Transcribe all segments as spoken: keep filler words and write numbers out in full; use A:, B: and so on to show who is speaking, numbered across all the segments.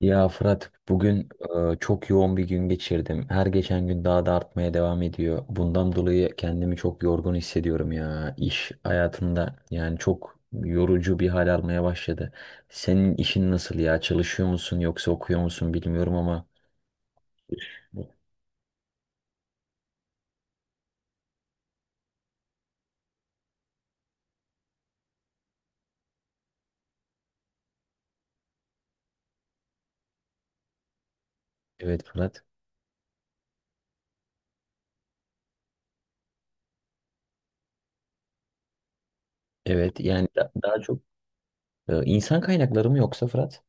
A: Ya Fırat, bugün e, çok yoğun bir gün geçirdim. Her geçen gün daha da artmaya devam ediyor. Bundan dolayı kendimi çok yorgun hissediyorum ya. İş hayatımda yani çok yorucu bir hal almaya başladı. Senin işin nasıl ya? Çalışıyor musun yoksa okuyor musun bilmiyorum ama. Evet Fırat. Evet yani da- daha çok e, insan kaynakları mı yoksa Fırat?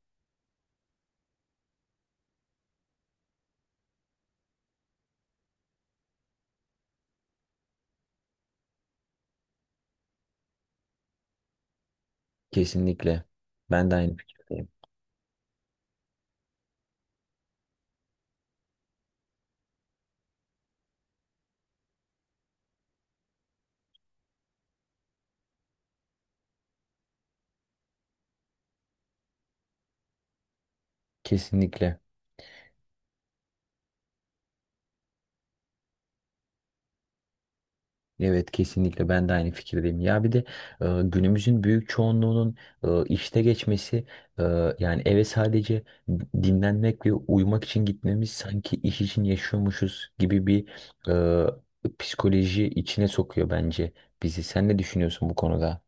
A: Kesinlikle. Ben de aynı fikirdeyim. Kesinlikle. Evet, kesinlikle ben de aynı fikirdeyim. Ya bir de e, günümüzün büyük çoğunluğunun e, işte geçmesi, e, yani eve sadece dinlenmek ve uyumak için gitmemiz sanki iş için yaşıyormuşuz gibi bir e, psikoloji içine sokuyor bence bizi. Sen ne düşünüyorsun bu konuda?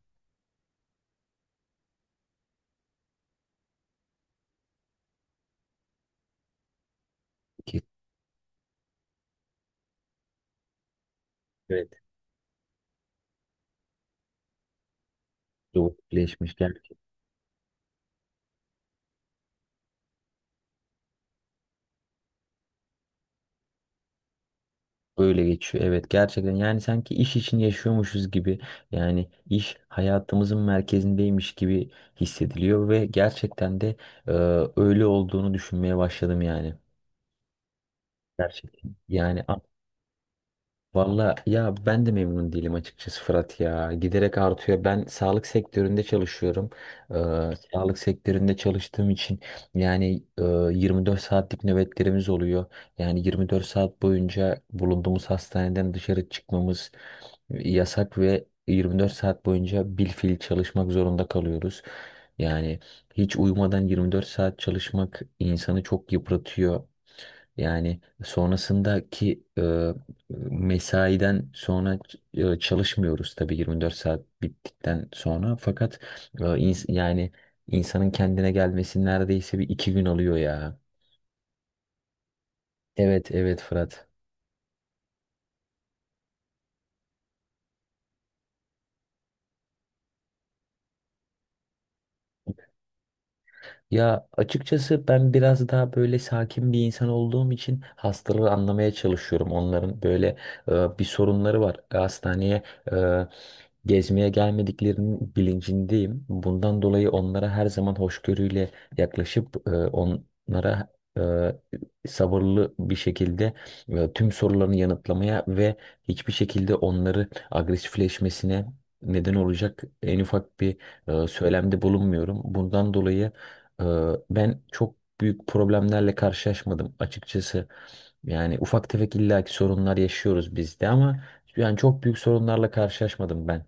A: Ki, evet. Doğru, birleşmiş. Öyle geçiyor, evet, gerçekten yani sanki iş için yaşıyormuşuz gibi, yani iş hayatımızın merkezindeymiş gibi hissediliyor ve gerçekten de e, öyle olduğunu düşünmeye başladım yani. Gerçekten yani. Valla ya, ben de memnun değilim açıkçası Fırat ya. Giderek artıyor. Ben sağlık sektöründe çalışıyorum. Ee, Sağlık sektöründe çalıştığım için yani e, yirmi dört saatlik nöbetlerimiz oluyor. Yani yirmi dört saat boyunca bulunduğumuz hastaneden dışarı çıkmamız yasak ve yirmi dört saat boyunca bilfiil çalışmak zorunda kalıyoruz. Yani hiç uyumadan yirmi dört saat çalışmak insanı çok yıpratıyor. Yani sonrasındaki e, mesaiden sonra e, çalışmıyoruz tabii yirmi dört saat bittikten sonra. Fakat e, ins- yani insanın kendine gelmesi neredeyse bir iki gün alıyor ya. Evet evet Fırat. Ya açıkçası ben biraz daha böyle sakin bir insan olduğum için hastaları anlamaya çalışıyorum. Onların böyle e, bir sorunları var. E, Hastaneye e, gezmeye gelmediklerinin bilincindeyim. Bundan dolayı onlara her zaman hoşgörüyle yaklaşıp e, onlara e, sabırlı bir şekilde e, tüm sorularını yanıtlamaya ve hiçbir şekilde onları agresifleşmesine neden olacak en ufak bir e, söylemde bulunmuyorum. Bundan dolayı ee, ben çok büyük problemlerle karşılaşmadım açıkçası. Yani ufak tefek illaki sorunlar yaşıyoruz biz de, ama yani çok büyük sorunlarla karşılaşmadım ben.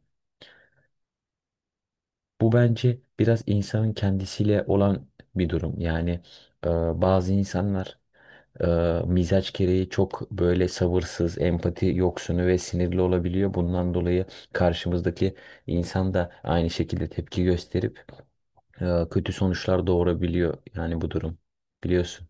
A: Bu bence biraz insanın kendisiyle olan bir durum. Yani e, bazı insanlar e, mizaç gereği çok böyle sabırsız, empati yoksunu ve sinirli olabiliyor. Bundan dolayı karşımızdaki insan da aynı şekilde tepki gösterip e, kötü sonuçlar doğurabiliyor. Yani bu durum, biliyorsun.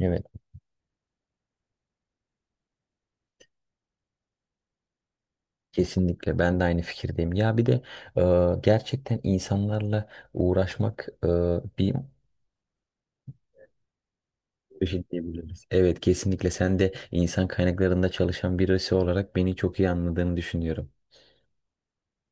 A: Evet, kesinlikle ben de aynı fikirdeyim. Ya bir de e, gerçekten insanlarla uğraşmak e, bir şey diyebiliriz. Evet, kesinlikle sen de insan kaynaklarında çalışan birisi olarak beni çok iyi anladığını düşünüyorum.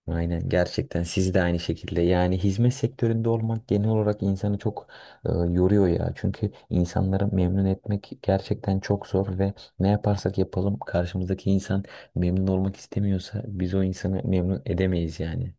A: Aynen, gerçekten siz de aynı şekilde yani hizmet sektöründe olmak genel olarak insanı çok e, yoruyor ya. Çünkü insanları memnun etmek gerçekten çok zor ve ne yaparsak yapalım karşımızdaki insan memnun olmak istemiyorsa biz o insanı memnun edemeyiz yani.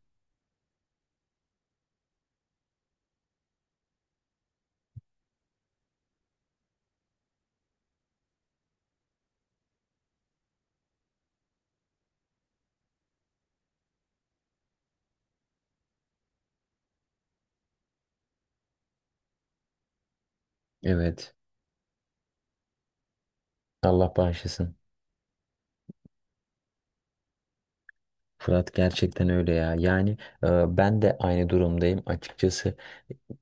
A: Evet. Allah bağışlasın. Fırat, gerçekten öyle ya. Yani e, ben de aynı durumdayım açıkçası.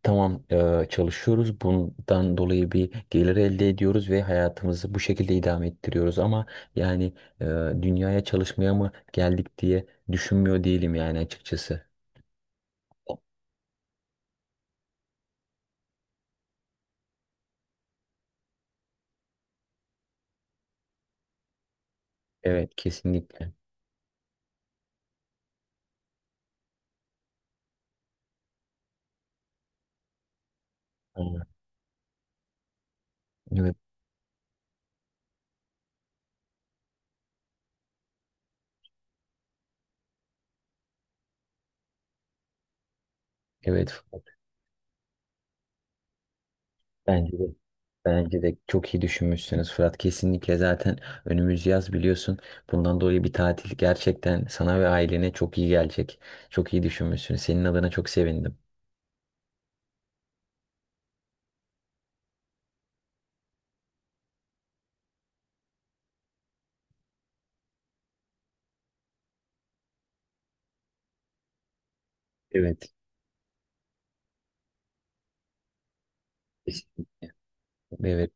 A: Tamam, e, çalışıyoruz. Bundan dolayı bir gelir elde ediyoruz ve hayatımızı bu şekilde idame ettiriyoruz. Ama yani e, dünyaya çalışmaya mı geldik diye düşünmüyor değilim yani açıkçası. Evet, kesinlikle. Aynen. Evet, evet Fırat. Bence de Bence de çok iyi düşünmüşsünüz Fırat. Kesinlikle zaten önümüz yaz, biliyorsun. Bundan dolayı bir tatil gerçekten sana ve ailene çok iyi gelecek. Çok iyi düşünmüşsünüz. Senin adına çok sevindim. Evet. Kesinlikle. Evet,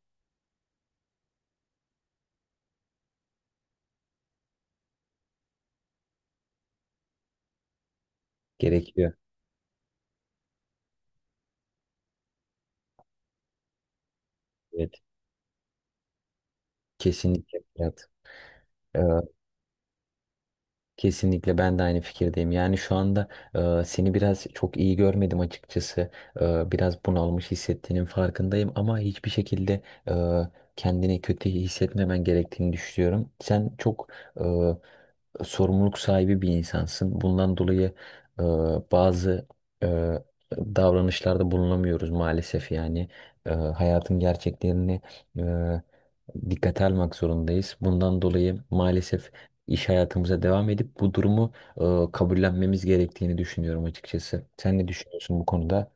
A: gerekiyor. Evet, kesinlikle Fırat. Ee, Kesinlikle ben de aynı fikirdeyim. Yani şu anda e, seni biraz çok iyi görmedim açıkçası. E, biraz bunalmış hissettiğinin farkındayım, ama hiçbir şekilde e, kendini kötü hissetmemen gerektiğini düşünüyorum. Sen çok e, sorumluluk sahibi bir insansın. Bundan dolayı e, bazı e, davranışlarda bulunamıyoruz maalesef yani. E, hayatın gerçeklerini e, dikkate almak zorundayız. Bundan dolayı maalesef iş hayatımıza devam edip bu durumu e, kabullenmemiz gerektiğini düşünüyorum açıkçası. Sen ne düşünüyorsun bu konuda?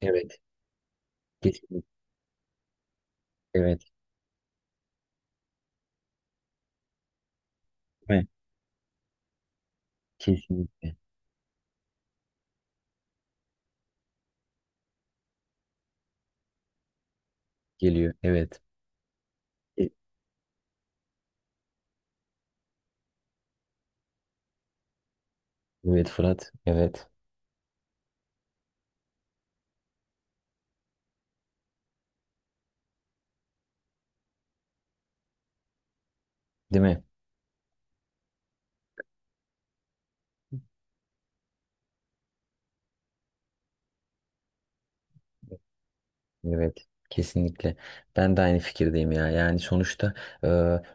A: Evet, kesinlikle. Evet, değil mi? Kesinlikle geliyor. Evet. E- evet Fırat. Evet, değil mi? Evet, kesinlikle. Ben de aynı fikirdeyim ya. Yani sonuçta e,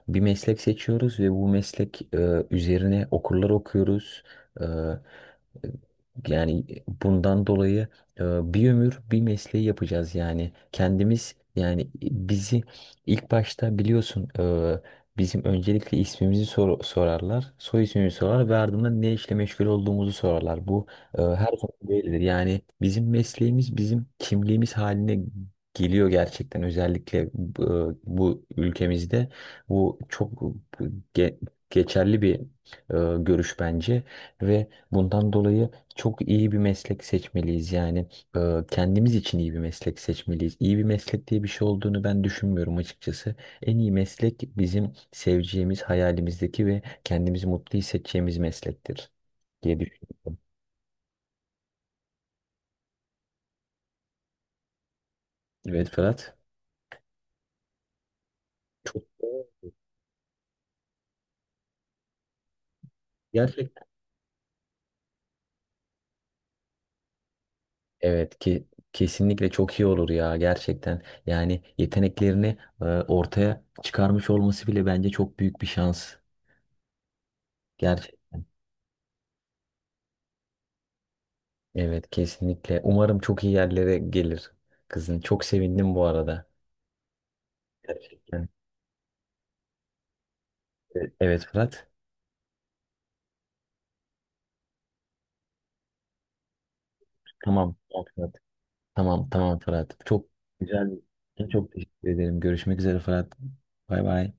A: bir meslek seçiyoruz ve bu meslek e, üzerine okurlar okuyoruz. E, yani bundan dolayı e, bir ömür bir mesleği yapacağız yani. Kendimiz, yani bizi ilk başta biliyorsun e, bizim öncelikle ismimizi sor- sorarlar, soy ismimizi sorarlar ve ardından ne işle meşgul olduğumuzu sorarlar. Bu ee, her zaman böyledir. Yani bizim mesleğimiz bizim kimliğimiz haline geliyor gerçekten. Özellikle bu, bu ülkemizde bu çok ge- geçerli bir e, görüş bence ve bundan dolayı çok iyi bir meslek seçmeliyiz. Yani e, kendimiz için iyi bir meslek seçmeliyiz. İyi bir meslek diye bir şey olduğunu ben düşünmüyorum açıkçası. En iyi meslek bizim seveceğimiz, hayalimizdeki ve kendimizi mutlu hissedeceğimiz meslektir diye düşünüyorum. Evet Ferhat. Çok doğru, gerçekten. Evet ki kesinlikle çok iyi olur ya gerçekten. Yani yeteneklerini e, ortaya çıkarmış olması bile bence çok büyük bir şans. Gerçekten. Evet, kesinlikle. Umarım çok iyi yerlere gelir kızın. Çok sevindim bu arada. Gerçekten. Evet evet, Fırat. Tamam. Tamam Fırat. Tamam tamam Fırat. Çok güzel. Çok teşekkür ederim. Görüşmek üzere Fırat. Bay bay.